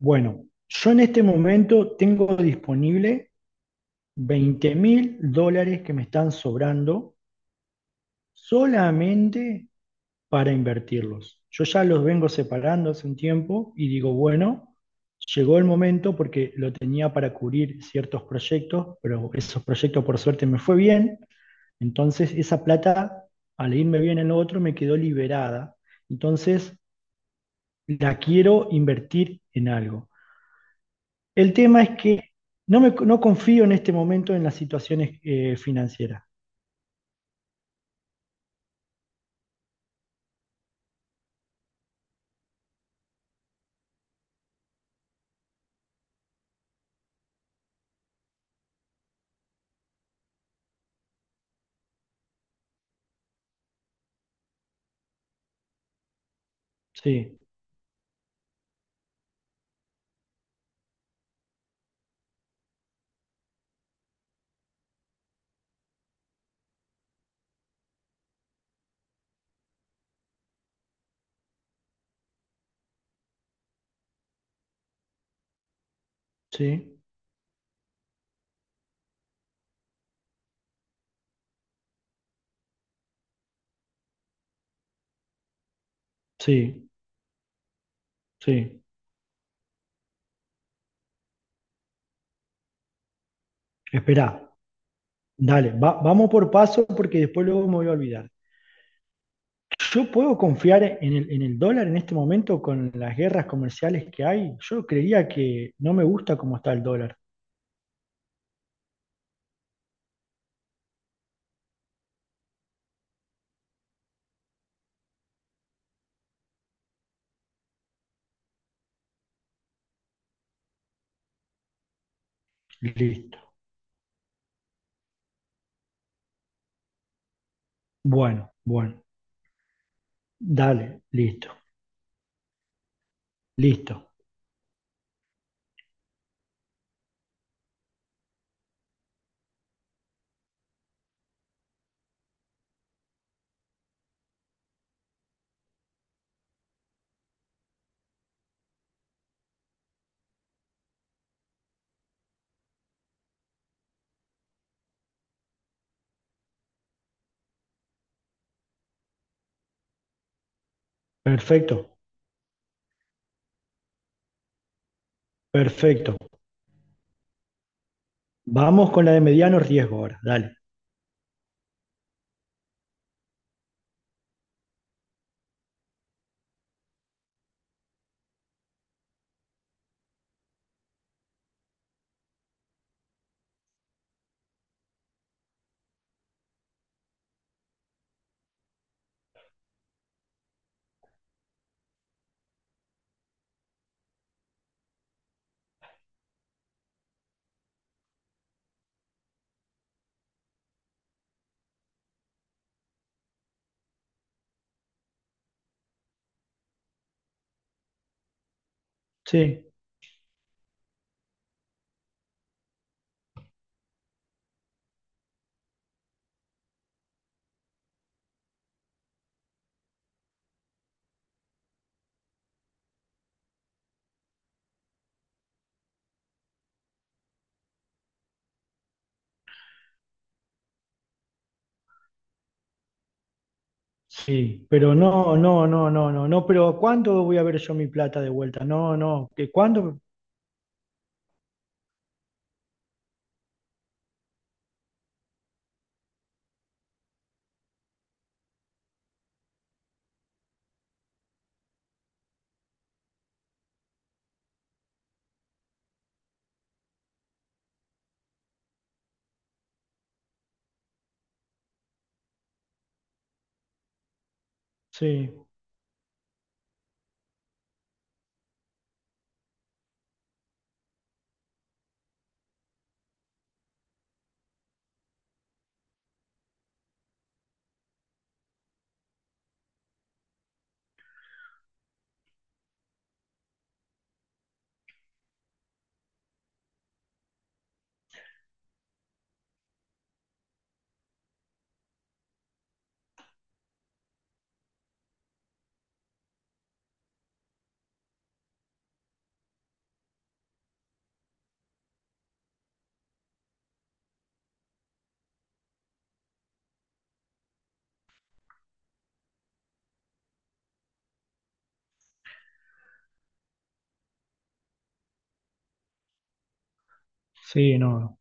Bueno, yo en este momento tengo disponible 20.000 dólares que me están sobrando solamente para invertirlos. Yo ya los vengo separando hace un tiempo y digo, bueno, llegó el momento porque lo tenía para cubrir ciertos proyectos, pero esos proyectos por suerte me fue bien. Entonces esa plata, al irme bien en lo otro, me quedó liberada. Entonces la quiero invertir en algo. El tema es que no, me, no confío en este momento en las situaciones financieras. Sí, sí, sí, sí. Esperá, dale, vamos por paso porque después luego me voy a olvidar. ¿Yo puedo confiar en el dólar en este momento con las guerras comerciales que hay? Yo creía que no me gusta cómo está el dólar. Listo. Bueno, bueno. Dale, listo, listo. Perfecto, perfecto. Vamos con la de mediano riesgo ahora. Dale. Sí. Sí, pero no, no, no, no, no, no, pero ¿cuándo voy a ver yo mi plata de vuelta? No, no, ¿que cuándo? Sí, sí, no, no,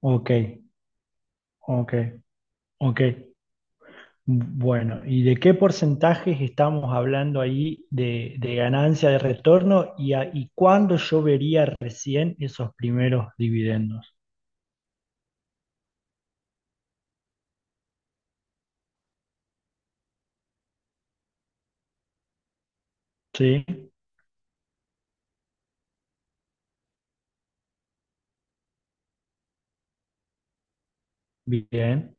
ok, ok, ok. Bueno, ¿y de qué porcentajes estamos hablando ahí de ganancia de retorno y, y cuándo yo vería recién esos primeros dividendos? Sí, bien,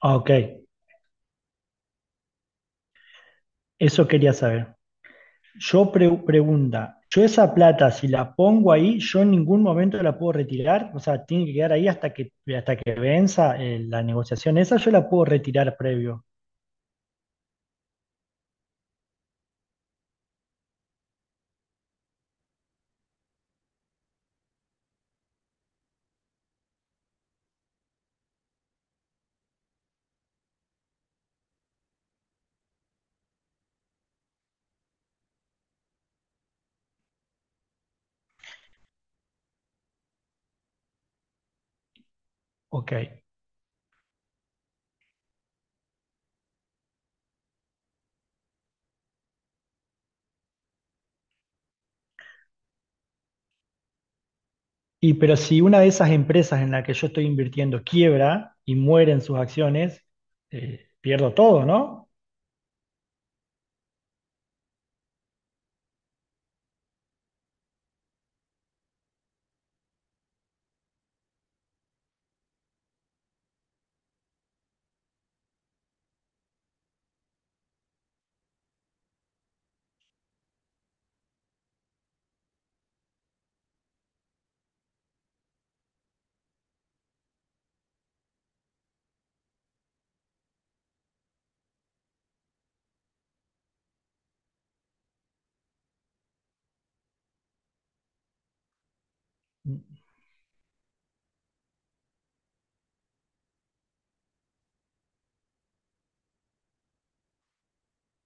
ok, eso quería saber. Yo pregunta, yo esa plata, si la pongo ahí, yo en ningún momento la puedo retirar, o sea, tiene que quedar ahí hasta que venza la negociación. Esa yo la puedo retirar previo. Ok. Y pero si una de esas empresas en la que yo estoy invirtiendo quiebra y mueren sus acciones, pierdo todo, ¿no?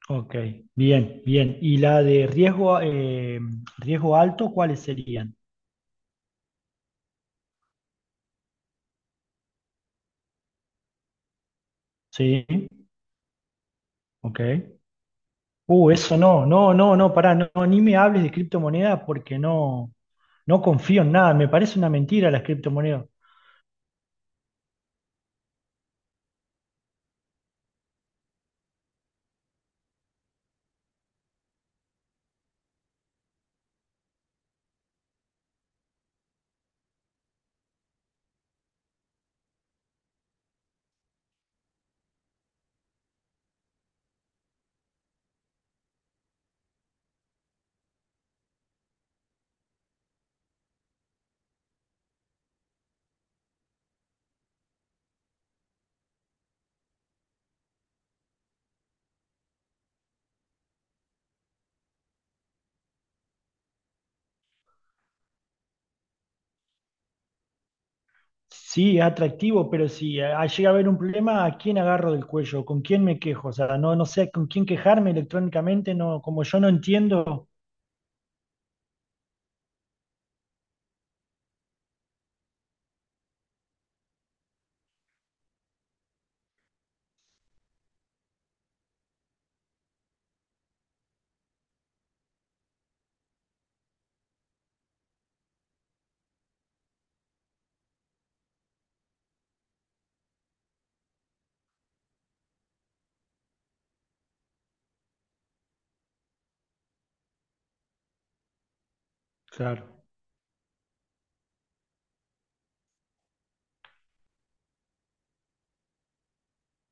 Ok, bien, bien. ¿Y la de riesgo, riesgo alto, cuáles serían? Sí, ok. Eso no, no, no, no, pará, no, no, ni me hables de criptomonedas porque no, no confío en nada. Me parece una mentira las criptomonedas. Sí, es atractivo, pero si llega a haber un problema, ¿a quién agarro del cuello? ¿Con quién me quejo? O sea, no, no sé con quién quejarme electrónicamente, no, como yo no entiendo. Claro.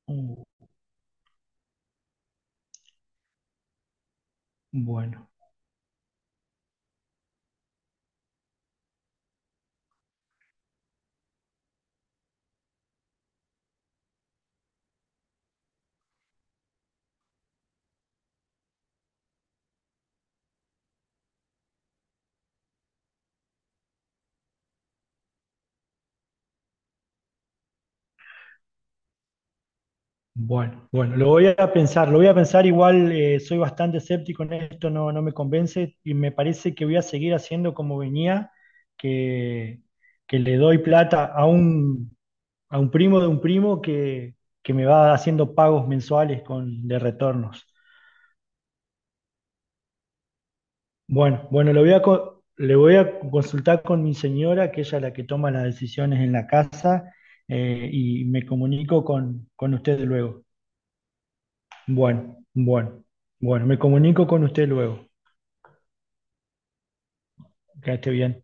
Uh, bueno. Bueno, bueno, lo voy a pensar, lo voy a pensar igual, soy bastante escéptico en esto, no, no me convence y me parece que voy a seguir haciendo como venía, que, que le doy plata a un primo de un primo que me va haciendo pagos mensuales con, de retornos. Bueno, bueno, lo voy a, le voy a consultar con mi señora, que ella es la que toma las decisiones en la casa, y me comunico con ustedes luego. Bueno, bueno, bueno, me comunico con usted luego. Que esté bien.